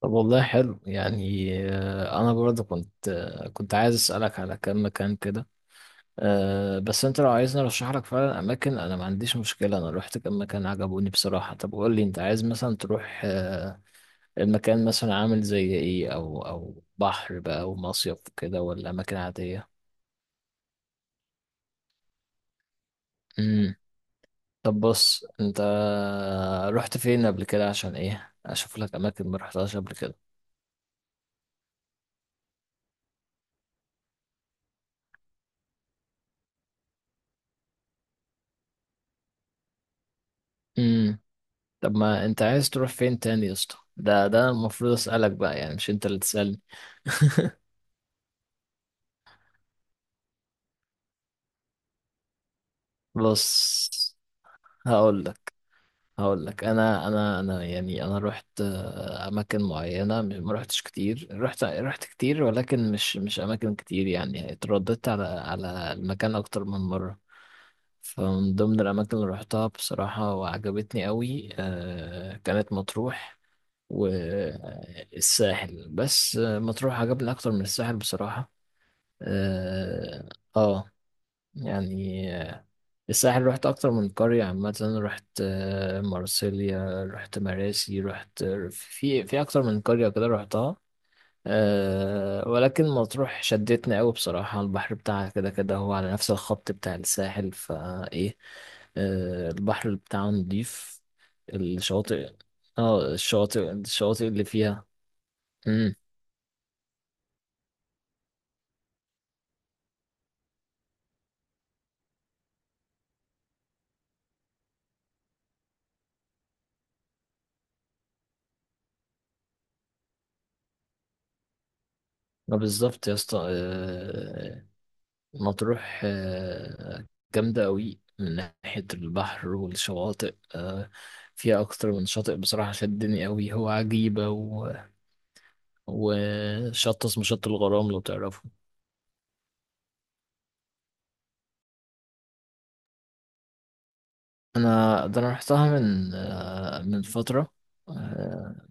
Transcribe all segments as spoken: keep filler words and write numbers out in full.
طب والله حلو يعني، آه، انا برضه كنت آه، كنت عايز اسالك على كم مكان كده. آه، بس انت لو عايزني ارشح لك فعلا اماكن، انا ما عنديش مشكله. انا روحت كم مكان عجبوني بصراحه. طب قول لي، انت عايز مثلا تروح، آه، المكان مثلا عامل زي ايه؟ او او بحر بقى ومصيف كده ولا اماكن عاديه؟ امم. طب بص، انت رحت فين قبل كده؟ عشان ايه اشوف لك اماكن ما رحتهاش قبل. كده. طب ما انت عايز تروح فين تاني يا اسطى؟ ده ده المفروض اسالك بقى يعني، مش انت اللي تسالني. بص، هقول لك هقول لك. انا انا انا يعني انا رحت آه، اماكن معينه. م- ما رحتش كتير. رحت رحت كتير ولكن مش مش اماكن كتير. يعني اترددت على على المكان اكتر من مره. فمن ضمن الاماكن اللي رحتها بصراحه وعجبتني قوي، آه، كانت مطروح والساحل. بس آه، مطروح عجبني اكتر من الساحل بصراحه. اه. آه، يعني، آه، الساحل رحت اكتر من قرية عامة. رحت آه، مرسيليا، رحت مراسي، رحت في في اكتر من قرية كده رحتها. أه، ولكن مطروح شدتني قوي بصراحة. البحر بتاعها كده كده هو على نفس الخط بتاع الساحل فايه. أه، البحر بتاعه نضيف. الشواطئ. اه، الشواطئ الشواطئ اللي فيها. امم. ما بالظبط يا اسطى. أه. مطروح، آه، جامدة قوي من ناحية البحر والشواطئ. آه، فيها أكتر من شاطئ بصراحة. شدني قوي هو عجيبة، و... وشط اسمه شط الغرام لو تعرفه. أنا ده أنا رحتها من آه، من فترة، آه،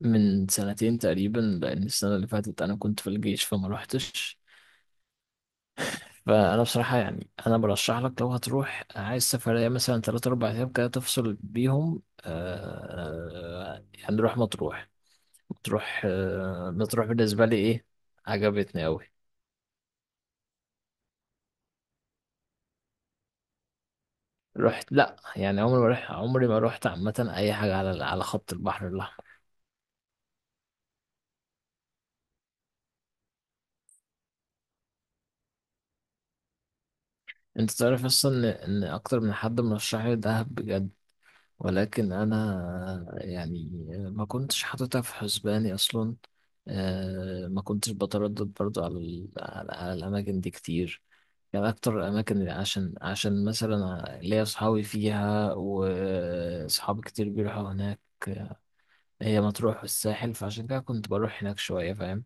من سنتين تقريبا، لأن السنة اللي فاتت أنا كنت في الجيش فما روحتش. فأنا بصراحة يعني أنا برشح لك، لو هتروح عايز سفرية مثلا تلات أربع أيام كده تفصل بيهم، آه، آه، يعني روح مطروح. مطروح آه، مطروح بالنسبة لي ايه، عجبتني اوي. رحت لا يعني، عمري ما رحت عمري ما رحت عامة اي حاجة على على خط البحر الاحمر. انت تعرف اصلا ان إن اكتر من حد مرشح لي دهب بجد، ولكن انا يعني ما كنتش حاططها في حسباني اصلا. آه، ما كنتش بتردد برضو على ال- على على الاماكن دي كتير. يعني اكتر الاماكن اللي عشان عشان مثلا ليا اصحابي فيها، واصحابي كتير بيروحوا هناك هي مطروح والساحل، فعشان كده كنت بروح هناك شوية، فاهم.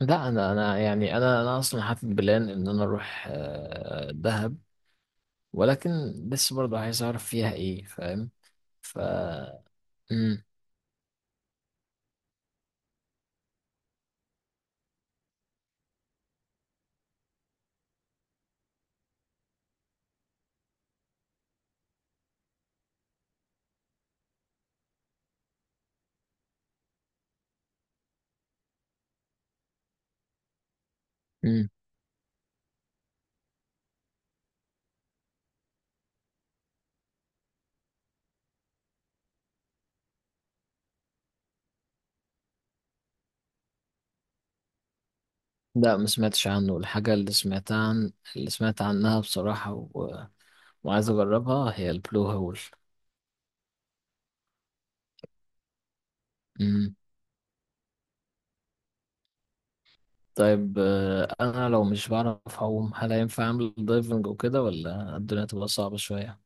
لا، أنا أنا يعني أنا أنا أصلا حاطط بلان إن أنا أروح آه، دهب، ولكن لسه برضه عايز أعرف فيها إيه، فاهم. ف مم. مم. لا، ما سمعتش عنه. الحاجة اللي سمعتها عن اللي سمعت عنها بصراحة، و... وعايز أجربها هي البلو هول. مم. طيب، آه، أنا لو مش بعرف أعوم هل هينفع أعمل دايفنج وكده، ولا الدنيا تبقى صعبة شوية؟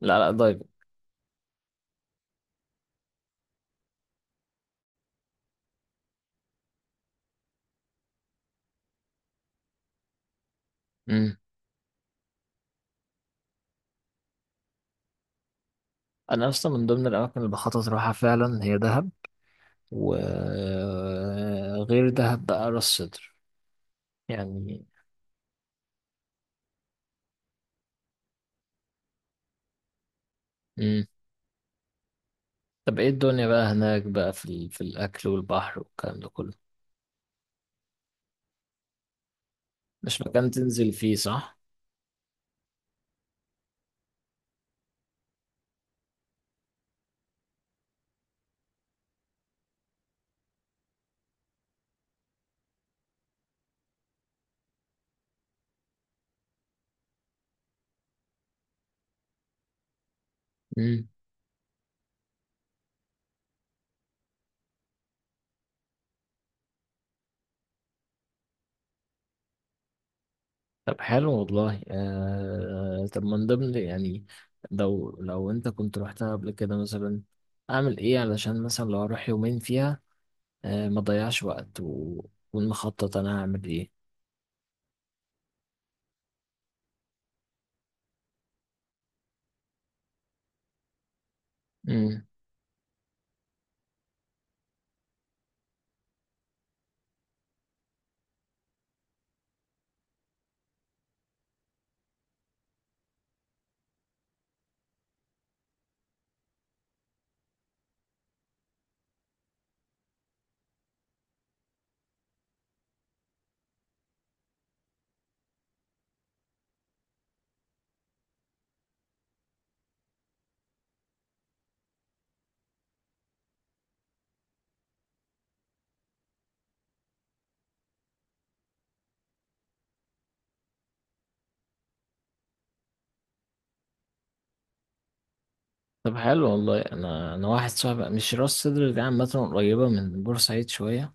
لا، لا، دايفنج. انا اصلا من ضمن الاماكن اللي بخطط اروحها فعلا هي دهب، وغير دهب بقى راس سدر يعني. مم. طب ايه الدنيا بقى هناك بقى في ال... في الاكل والبحر والكلام ده كله؟ مش مكان تنزل فيه، صح؟ مم. طب حلو والله. آه... طب من ضمن، يعني، لو لو انت كنت رحتها قبل كده مثلا، اعمل ايه علشان مثلا لو اروح يومين فيها آه ما ضيعش وقت، و... ونخطط. انا هعمل ايه. طب حلو والله. انا انا واحد صاحبي، مش راس سدر دي عامه قريبه من بورسعيد شويه.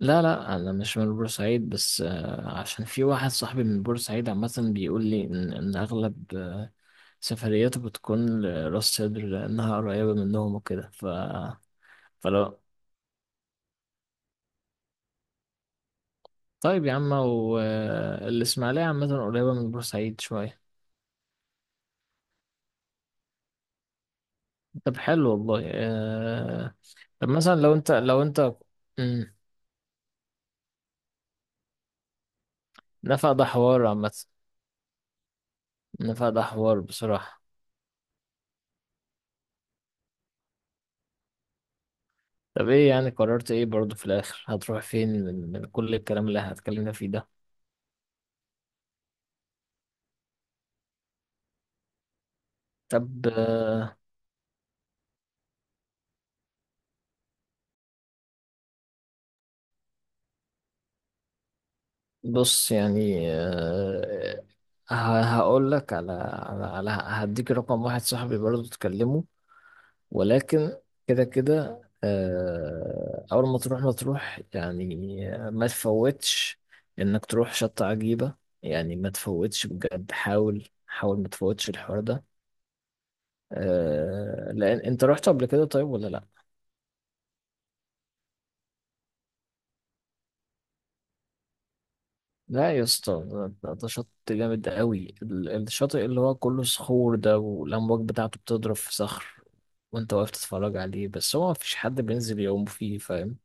لا، لا، انا مش من بورسعيد، بس آه، عشان في واحد صاحبي من بورسعيد عامه بيقول لي ان إن اغلب آه، سفرياته بتكون لراس سدر لانها قريبه منهم وكده. ف فلو. طيب يا عم، والاسماعيليه عامه قريبه من بورسعيد شويه. طب حلو والله. آه، طب مثلا لو انت لو انت. مم. نفق ده حوار عامه. نفق ده حوار بصراحه. طب ايه يعني، قررت ايه برضو في الاخر؟ هتروح فين من, من كل الكلام اللي هتكلمنا فيه ده. طب. آه، بص يعني، آه، ه- هقول لك، على على على هديك رقم واحد صاحبي برضو تكلمه، ولكن كده كده، آه، اول ما تروح ما تروح يعني، آه، ما تفوتش انك تروح شط عجيبة. يعني ما تفوتش بجد، حاول حاول ما تفوتش الحوار ده. آه، لان انت رحت قبل كده طيب ولا لا؟ لا يا اسطى، ده ده- ده شط جامد قوي. ال- الشاطئ اللي هو كله صخور ده، والأمواج بتاعته بتضرب في صخر، وانت واقف تتفرج عليه. بس هو مفيش حد بينزل يعوم فيه، فاهم.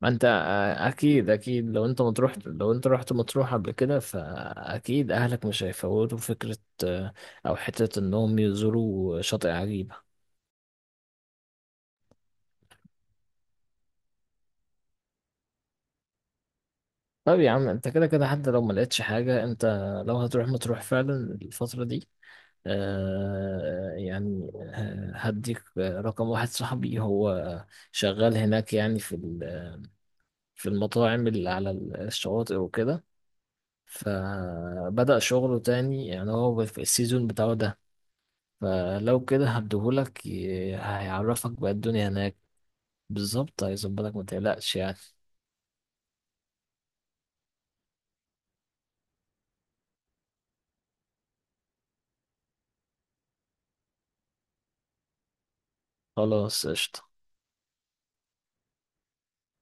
ما انت، آه، اكيد اكيد، لو انت مطروح لو انت رحت مطروح قبل كده فاكيد اهلك مش هيفوتوا فكرة، آه، او حتة انهم يزوروا شاطئ عجيبة. طب يا عم، انت كده كده حتى لو ما لقيتش حاجة، انت لو هتروح مطروح فعلا الفترة دي، آه، يعني، آه، هديك رقم واحد صاحبي، هو شغال هناك يعني في ال- في المطاعم اللي على الشواطئ وكده. فبدأ شغله تاني، يعني هو في السيزون بتاعه ده، فلو كده هديهولك، ي- هيعرفك بقى الدنيا هناك. بالظبط، هيظبطك ما تقلقش يعني. خلاص، قشطة.